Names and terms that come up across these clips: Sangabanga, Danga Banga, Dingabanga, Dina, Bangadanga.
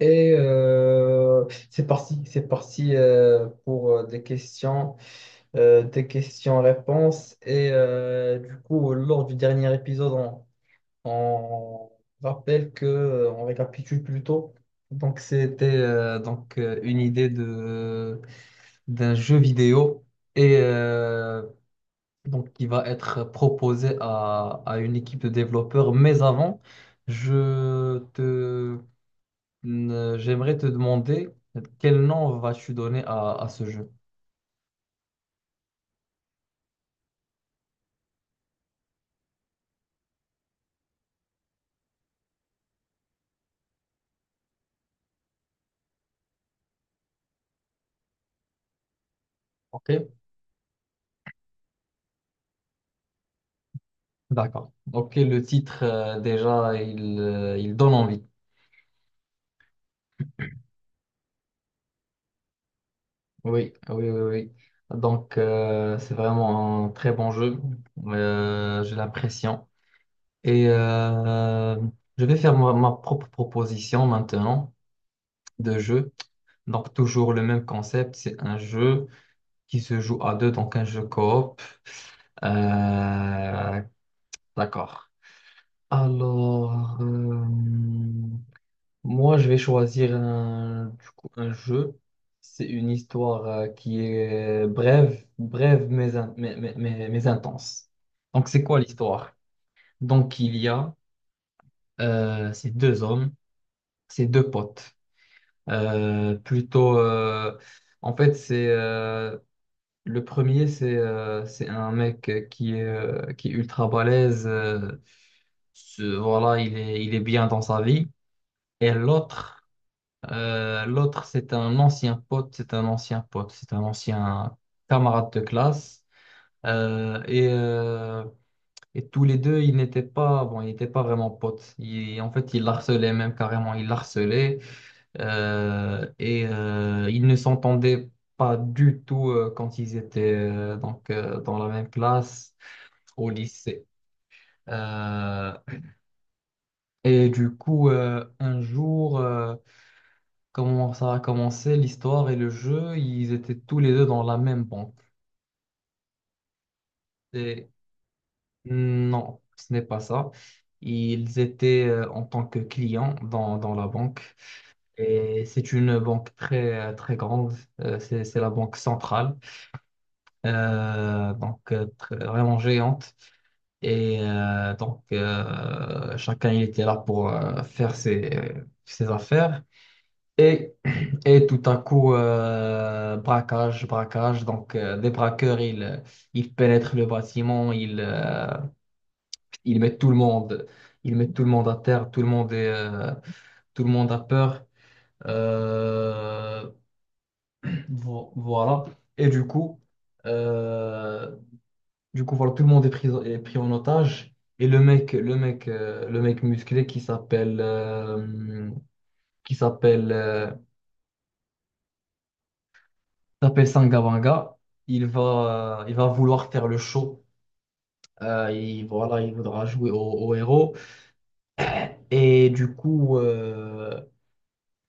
Et euh, c'est parti, pour des des questions-réponses. Du coup, lors du dernier épisode, on rappelle que, on récapitule plutôt. Donc, c'était une idée de d'un jeu vidéo et euh, donc qui va être proposé à une équipe de développeurs. Mais avant, je te j'aimerais te demander quel nom vas-tu donner à ce jeu. Ok? D'accord. Ok, le titre, déjà, il donne envie. Oui, oui, oui, oui. Donc, c'est vraiment un très bon jeu. J'ai l'impression. Et euh, je vais faire ma propre proposition maintenant de jeu. Donc, toujours le même concept. C'est un jeu qui se joue à deux, donc un jeu coop. Euh, d'accord. Alors, euh, Moi, je vais choisir un jeu. C'est une histoire qui est brève mais intense. Donc, c'est quoi l'histoire? Donc, il y a ces deux hommes, ces deux potes. Plutôt, en fait, c'est Le premier, c'est un mec qui est ultra balèze. Voilà, il est bien dans sa vie. Et l'autre, c'est un ancien pote, c'est un ancien pote, c'est un ancien camarade de classe. Euh, et, euh, et tous les deux, ils n'étaient pas vraiment potes. Ils l'harcelaient même ils l'harcelaient. Ils ne s'entendaient pas du tout quand ils étaient dans la même classe au lycée. Euh, un jour... comment ça a commencé, l'histoire et le jeu, ils étaient tous les deux dans la même banque. Et non, ce n'est pas ça. Ils étaient en tant que clients dans la banque. Et c'est une banque très, très grande. C'est la banque centrale. Vraiment géante. Chacun, il était là pour faire ses affaires. Et, et tout à coup, braquage. Donc, des braqueurs, ils pénètrent le bâtiment, ils mettent tout le monde, ils mettent tout le monde à terre, tout le monde a peur. Euh, voilà. Et du coup, euh, voilà, tout le monde est pris en otage. Et le mec musclé qui s'appelle s'appelle Sangabanga. Il va vouloir faire le show. Il voudra jouer au héros. Et du coup,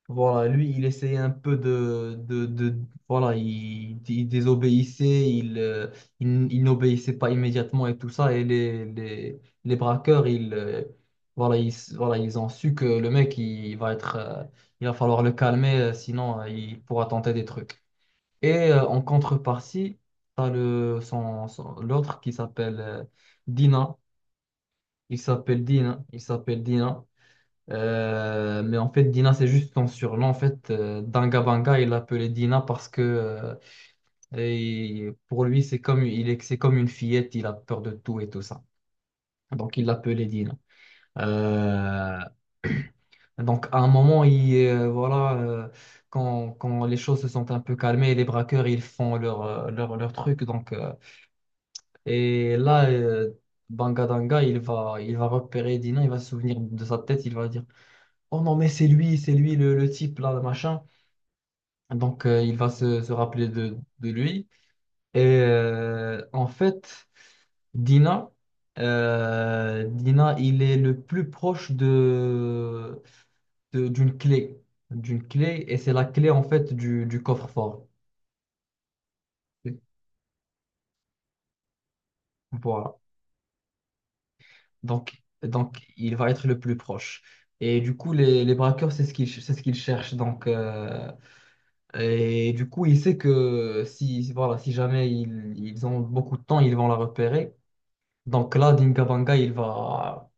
voilà, lui, il essayait un peu voilà, il désobéissait, il n'obéissait pas immédiatement et tout ça. Et les braqueurs, voilà, ils ont su que le mec, il va falloir le calmer, sinon, il pourra tenter des trucs. En contrepartie, t'as l'autre qui s'appelle Dina. Il s'appelle Dina. Mais en fait, Dina, c'est juste son surnom. En fait, Dangabanga, il l'appelait Dina parce que et pour lui, c'est comme une fillette. Il a peur de tout et tout ça. Donc, il l'appelait Dina. Euh, à un moment, quand les choses se sont un peu calmées, les braqueurs, ils font leur truc. Et là, euh, Bangadanga, il va repérer Dina, il va se souvenir de sa tête, il va dire, oh non, mais c'est lui le type là, le machin. Donc, il va se rappeler de lui. Et euh, en fait, Dina, Dina, il est le plus proche de- d'une clé, d'une clé, et c'est la clé en fait du coffre-fort. Voilà. Donc, il va être le plus proche. Et du coup, les braqueurs, c'est ce qu'ils cherchent. Donc, et du coup, il sait que si, voilà, si jamais ils ont beaucoup de temps, ils vont la repérer. Donc là, Dingabanga, il va,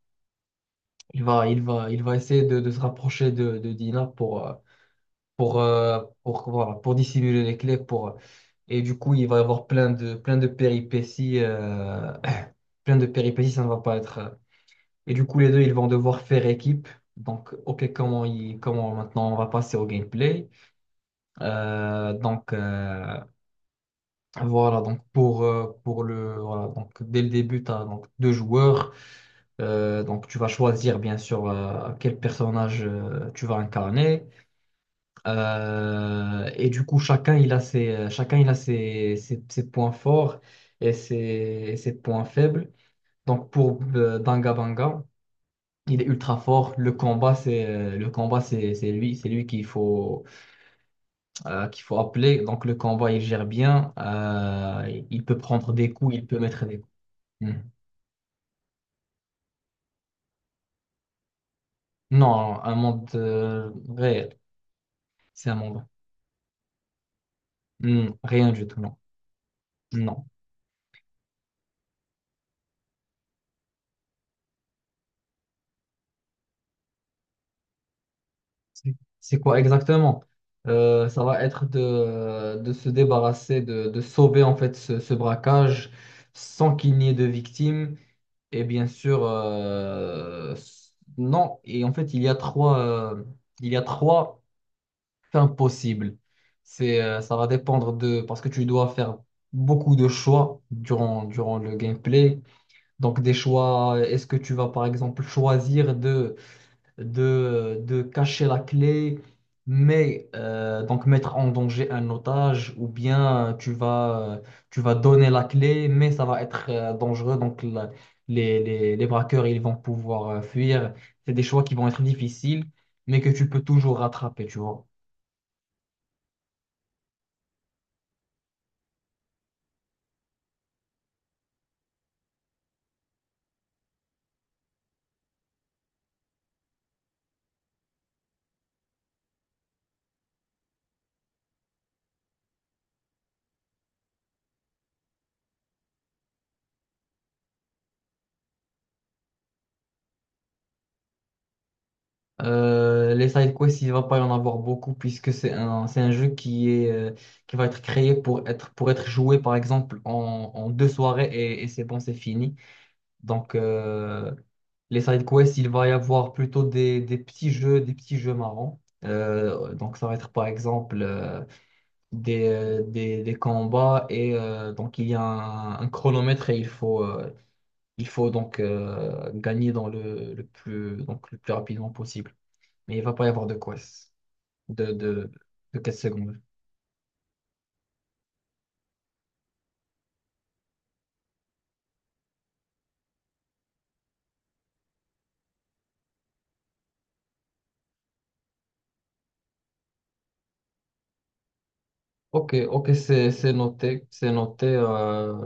il va, il va, il va essayer de se rapprocher de Dina pour, pour dissimuler les clés. Et du coup, il va y avoir plein de péripéties. Plein de péripéties, ça ne va pas être. Et du coup, les deux, ils vont devoir faire équipe. Donc, OK, comment maintenant on va passer au gameplay. Donc, voilà, donc pour le, voilà, Donc dès le début, tu as donc deux joueurs. Donc, tu vas choisir, bien sûr, quel personnage tu vas incarner. Chacun, chacun, il a ses points forts et ses points faibles. Donc, pour Danga Banga, il est ultra fort. Le combat, c'est lui qu'il faut appeler. Donc le combat, il gère bien. Il peut prendre des coups, il peut mettre des coups. Hmm. Non, un monde réel, c'est un monde. Hmm, rien du tout, non, non. C'est quoi exactement? Ça va être de se débarrasser, de sauver en fait ce braquage sans qu'il n'y ait de victimes. Et bien sûr, non. Et en fait, il y a trois fins possibles. C'est, ça va dépendre de, parce que tu dois faire beaucoup de choix durant le gameplay. Donc, des choix, est-ce que tu vas par exemple choisir de cacher la clé, donc mettre en danger un otage, ou bien tu vas donner la clé, mais ça va être dangereux, les, les braqueurs, ils vont pouvoir fuir. C'est des choix qui vont être difficiles, mais que tu peux toujours rattraper, tu vois. Les side quests, il va pas y en avoir beaucoup puisque c'est un jeu qui va être créé pour être joué par exemple en deux soirées et c'est bon, c'est fini. Donc, les side quests, il va y avoir plutôt des petits jeux marrants. Ça va être par exemple des combats et donc il y a un chronomètre et il faut donc gagner dans le plus rapidement possible. Mais il va pas y avoir de quests, de, de, de quêtes secondaires. Ok, ok, c'est noté, c'est noté.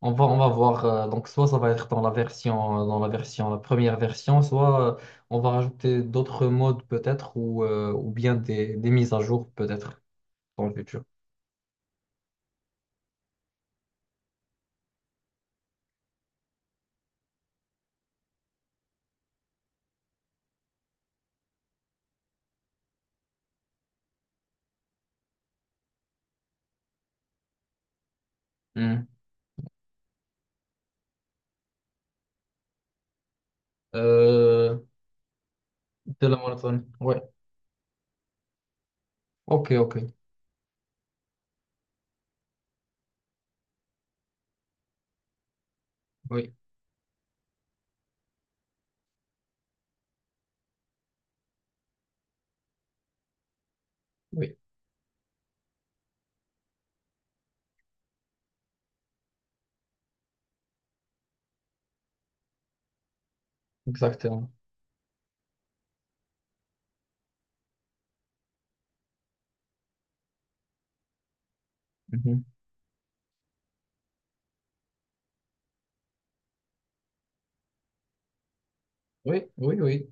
On va voir, donc soit ça va être dans la version, la première version, soit on va rajouter d'autres modes peut-être, ou bien des mises à jour peut-être dans le futur. Hmm. Euh, de la monotone. Ouais. Ok, ok, oui, oui, exactement. Mhm. Oui, oui, oui,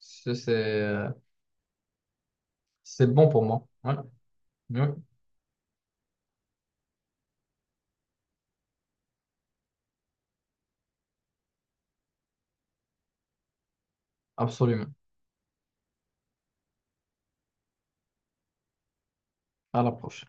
c'est c'est, euh, c'est bon pour moi. Voilà. Oui, absolument. À la prochaine.